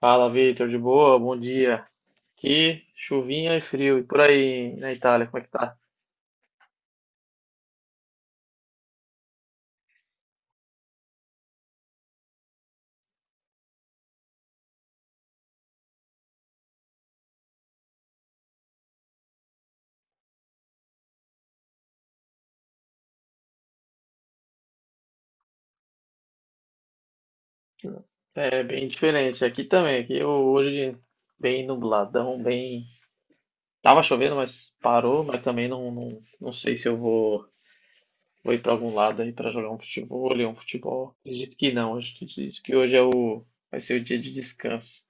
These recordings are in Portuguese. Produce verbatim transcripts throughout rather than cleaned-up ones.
Fala, Vitor, de boa? Bom dia. Aqui, chuvinha e frio. E por aí na Itália, como é que tá? É bem diferente. Aqui também. Aqui eu- hoje bem nubladão, bem. Tava chovendo, mas parou. Mas também não, não, não sei se eu vou, vou ir pra algum lado aí pra jogar um futebol, ler um futebol. Acredito que não. Acho que acredito que hoje é o, vai ser o dia de descanso.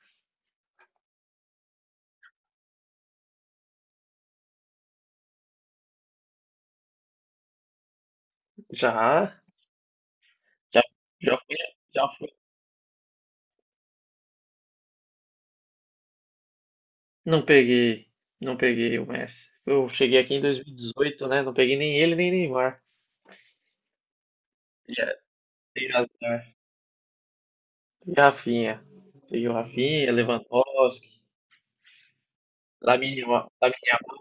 Já, já, já fui, já fui. Não peguei, não peguei o Messi. Eu cheguei aqui em dois mil e dezoito, né? Não peguei nem ele, nem Neymar. Já, tem razão. E Rafinha. Peguei o Rafinha, Lewandowski, Lamine Yamal. Lamine Yamal.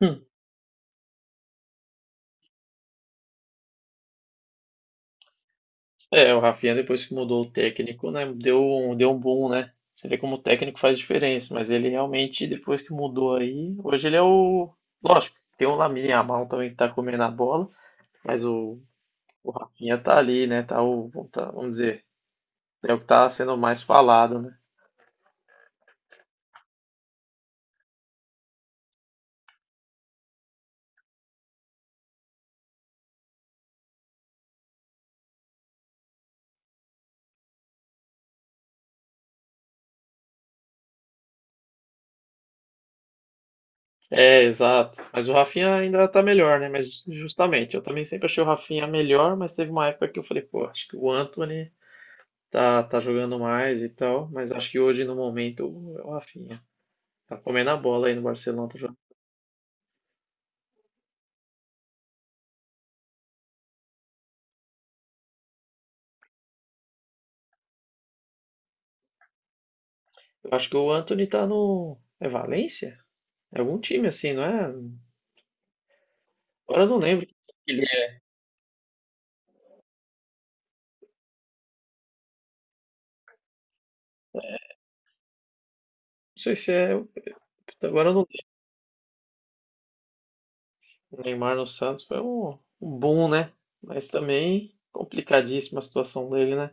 Hum. É, o Rafinha depois que mudou o técnico, né, deu um, deu um boom, né? Você vê como o técnico faz diferença, mas ele realmente, depois que mudou aí, hoje ele é o. Lógico, tem o Lamine Yamal também que tá comendo a bola, mas o, o Rafinha tá ali, né? Tá o, tá, vamos dizer, é o que tá sendo mais falado, né? É, exato. Mas o Rafinha ainda tá melhor, né? Mas justamente, eu também sempre achei o Rafinha melhor, mas teve uma época que eu falei, pô, acho que o Anthony tá, tá jogando mais e tal, mas acho que hoje, no momento, o Rafinha tá comendo a bola aí no Barcelona. Tá jogando. Eu acho que o Anthony tá no. É Valência? É algum time assim, não é? Agora eu não lembro. Ele é- Não sei se é. Agora eu não lembro. O Neymar no Santos foi um, um boom, né? Mas também complicadíssima a situação dele, né?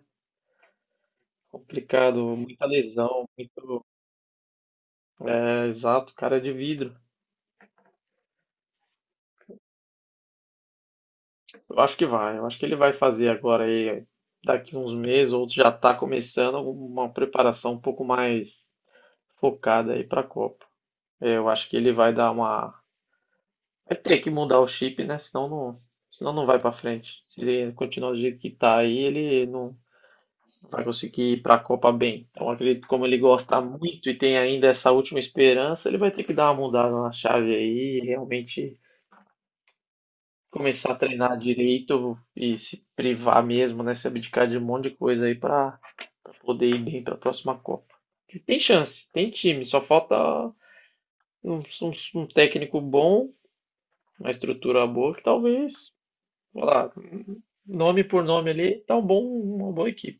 Complicado, muita lesão, muito. Exato, cara de vidro. Eu acho que vai, eu acho que ele vai fazer agora aí, daqui uns meses, ou já está começando uma preparação um pouco mais focada aí para a Copa. É, eu acho que ele vai dar uma. Vai ter que mudar o chip, né? Senão não, senão não vai para frente. Se ele continuar do jeito que tá aí, ele não vai conseguir ir para a Copa bem. Então, acredito que como ele gosta muito e tem ainda essa última esperança, ele vai ter que dar uma mudada na chave aí e realmente começar a treinar direito e se privar mesmo, né? Se abdicar de um monte de coisa aí pra pra poder ir bem pra próxima Copa. Que tem chance, tem time, só falta um, um- um técnico bom, uma estrutura boa que talvez, sei lá, nome por nome ali, tá um bom, uma boa equipe.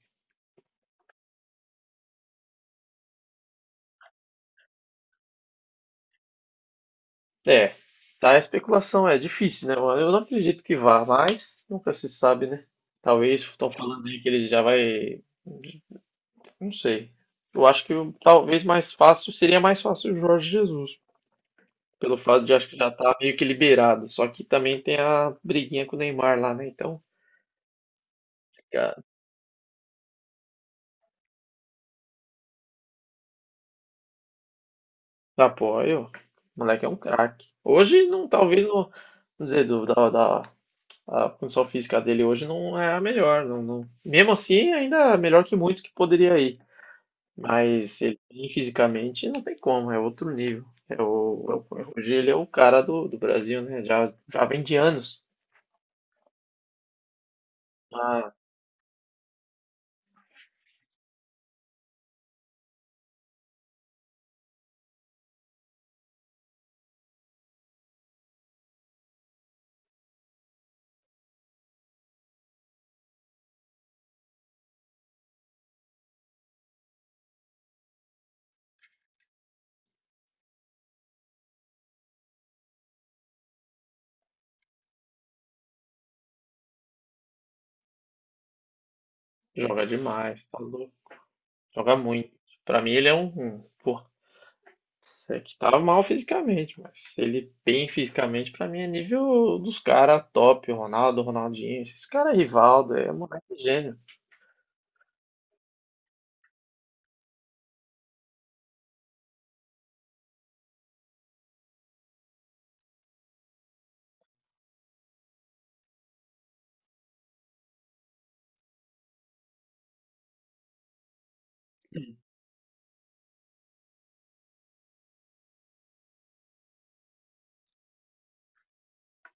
É, tá, a especulação é difícil, né, mano? Eu não acredito que vá, mas nunca se sabe, né? Talvez estão falando aí que ele já vai. Não sei. Eu acho que o- Talvez mais fácil seria mais fácil o Jorge Jesus, pelo fato de acho que já tá meio que liberado. Só que também tem a briguinha com o Neymar lá, né? Então, cara, apoio. O moleque é um craque. Hoje não, talvez não, vamos dizer, do, da, da- a condição física dele hoje não é a melhor, não, não. Mesmo assim, ainda é melhor que muitos que poderia ir. Mas ele fisicamente não tem como, é outro nível. É o, é o- hoje ele é o cara do, do Brasil, né? Já, já vem de anos. Joga demais, tá louco. Joga muito. Pra mim ele é um, um- pô, é que tá mal fisicamente, mas ele bem fisicamente pra mim é nível dos caras top, Ronaldo, Ronaldinho, esses caras Rivaldo, é moleque gênio.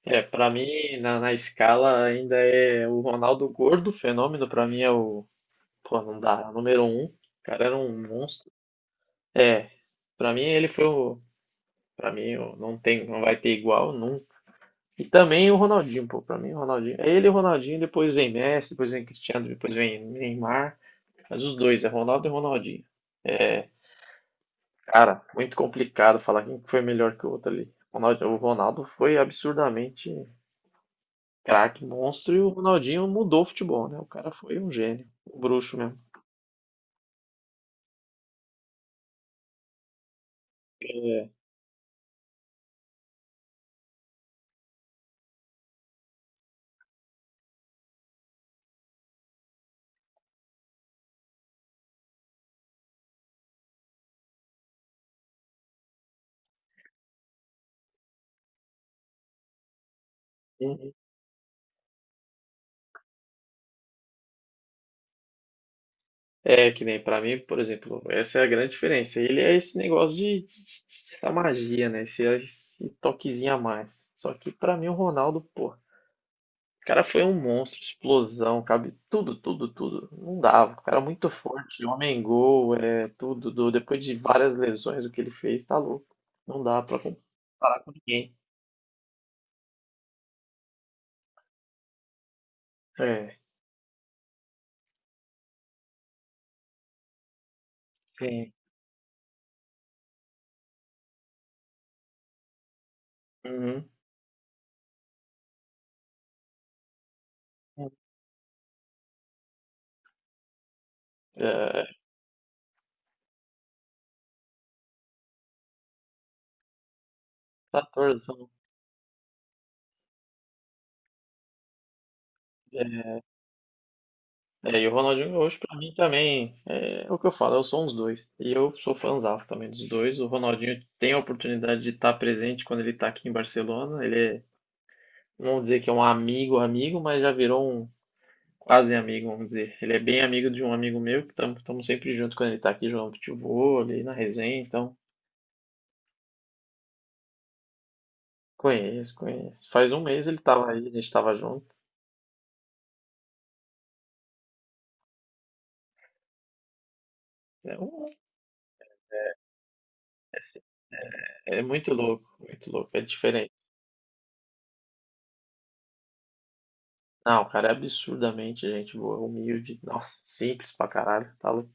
É, pra mim na, na escala ainda é o Ronaldo gordo, fenômeno pra mim é o, pô, não dá, número um. O cara era um monstro. É, pra mim ele foi o, pra mim o- não tem, não vai ter igual nunca. E também o Ronaldinho, pô. Pra mim, o Ronaldinho. É ele e o Ronaldinho, depois vem Messi, depois vem Cristiano, depois vem Neymar. Mas os dois, é Ronaldo e Ronaldinho. É, cara, muito complicado falar quem foi melhor que o outro ali. Ronaldo- O Ronaldo foi absurdamente craque, monstro, e o Ronaldinho mudou o futebol, né? O cara foi um gênio, um bruxo mesmo. Uhum. É, que nem pra mim, por exemplo, essa é a grande diferença. Ele é esse negócio de, de- essa magia, né? Esse, esse toquezinho a mais. Só que pra mim o Ronaldo, pô, o cara foi um monstro, explosão, cabe tudo, tudo, tudo. Não dava. O cara é muito forte, homem gol, é tudo. Do- depois de várias lesões, o que ele fez, tá louco. Não dá pra comparar com ninguém. É, sim. Uhum. É, catorze. É, é, e o Ronaldinho Gaúcho, pra mim, também é, é o que eu falo, eu sou uns dois. E eu sou fãzaço também dos dois. O Ronaldinho tem a oportunidade de estar presente quando ele tá aqui em Barcelona. Ele é, não vou dizer que é um amigo, amigo, mas já virou um quase amigo, vamos dizer. Ele é bem amigo de um amigo meu, que estamos sempre junto quando ele está aqui jogando futebol, ali na resenha, então conheço, conheço. Faz um mês ele estava aí, a gente estava junto. É, um- é assim, é muito louco, muito louco, é diferente. Não, o cara é absurdamente gente boa, humilde, nossa, simples pra caralho, tá louco.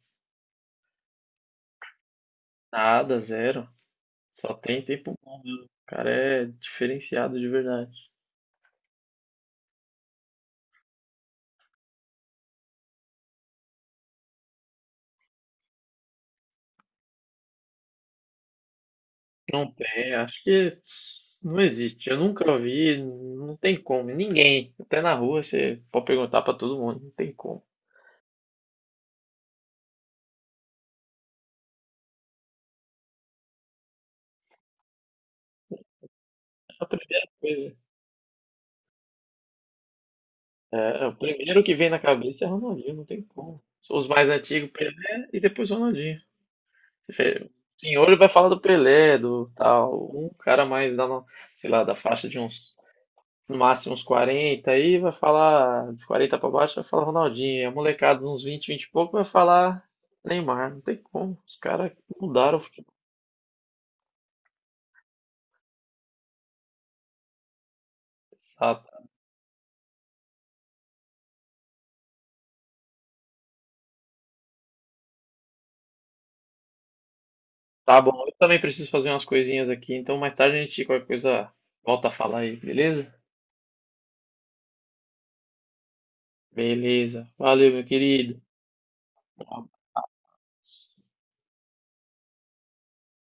Nada, zero, só tem tempo bom. O cara é diferenciado de verdade. Não tem, acho que não existe. Eu nunca vi, não tem como. Ninguém, até na rua, você pode perguntar pra todo mundo, não tem como. É a primeira coisa, é, é, o primeiro que vem na cabeça é Ronaldinho, não tem como. Os mais antigos, Pelé e depois Ronaldinho. Você vê, o senhor vai falar do Pelé, do tal, um cara mais da, no- sei lá, da faixa de uns no máximo uns quarenta aí, vai falar de quarenta pra baixo, vai falar Ronaldinho. A molecada de uns vinte vinte e pouco vai falar Neymar. Não tem como. Os caras mudaram o futebol. Tá, tá bom, eu também preciso fazer umas coisinhas aqui, então mais tarde a gente qualquer coisa volta a falar aí, beleza? Beleza. Valeu, meu querido.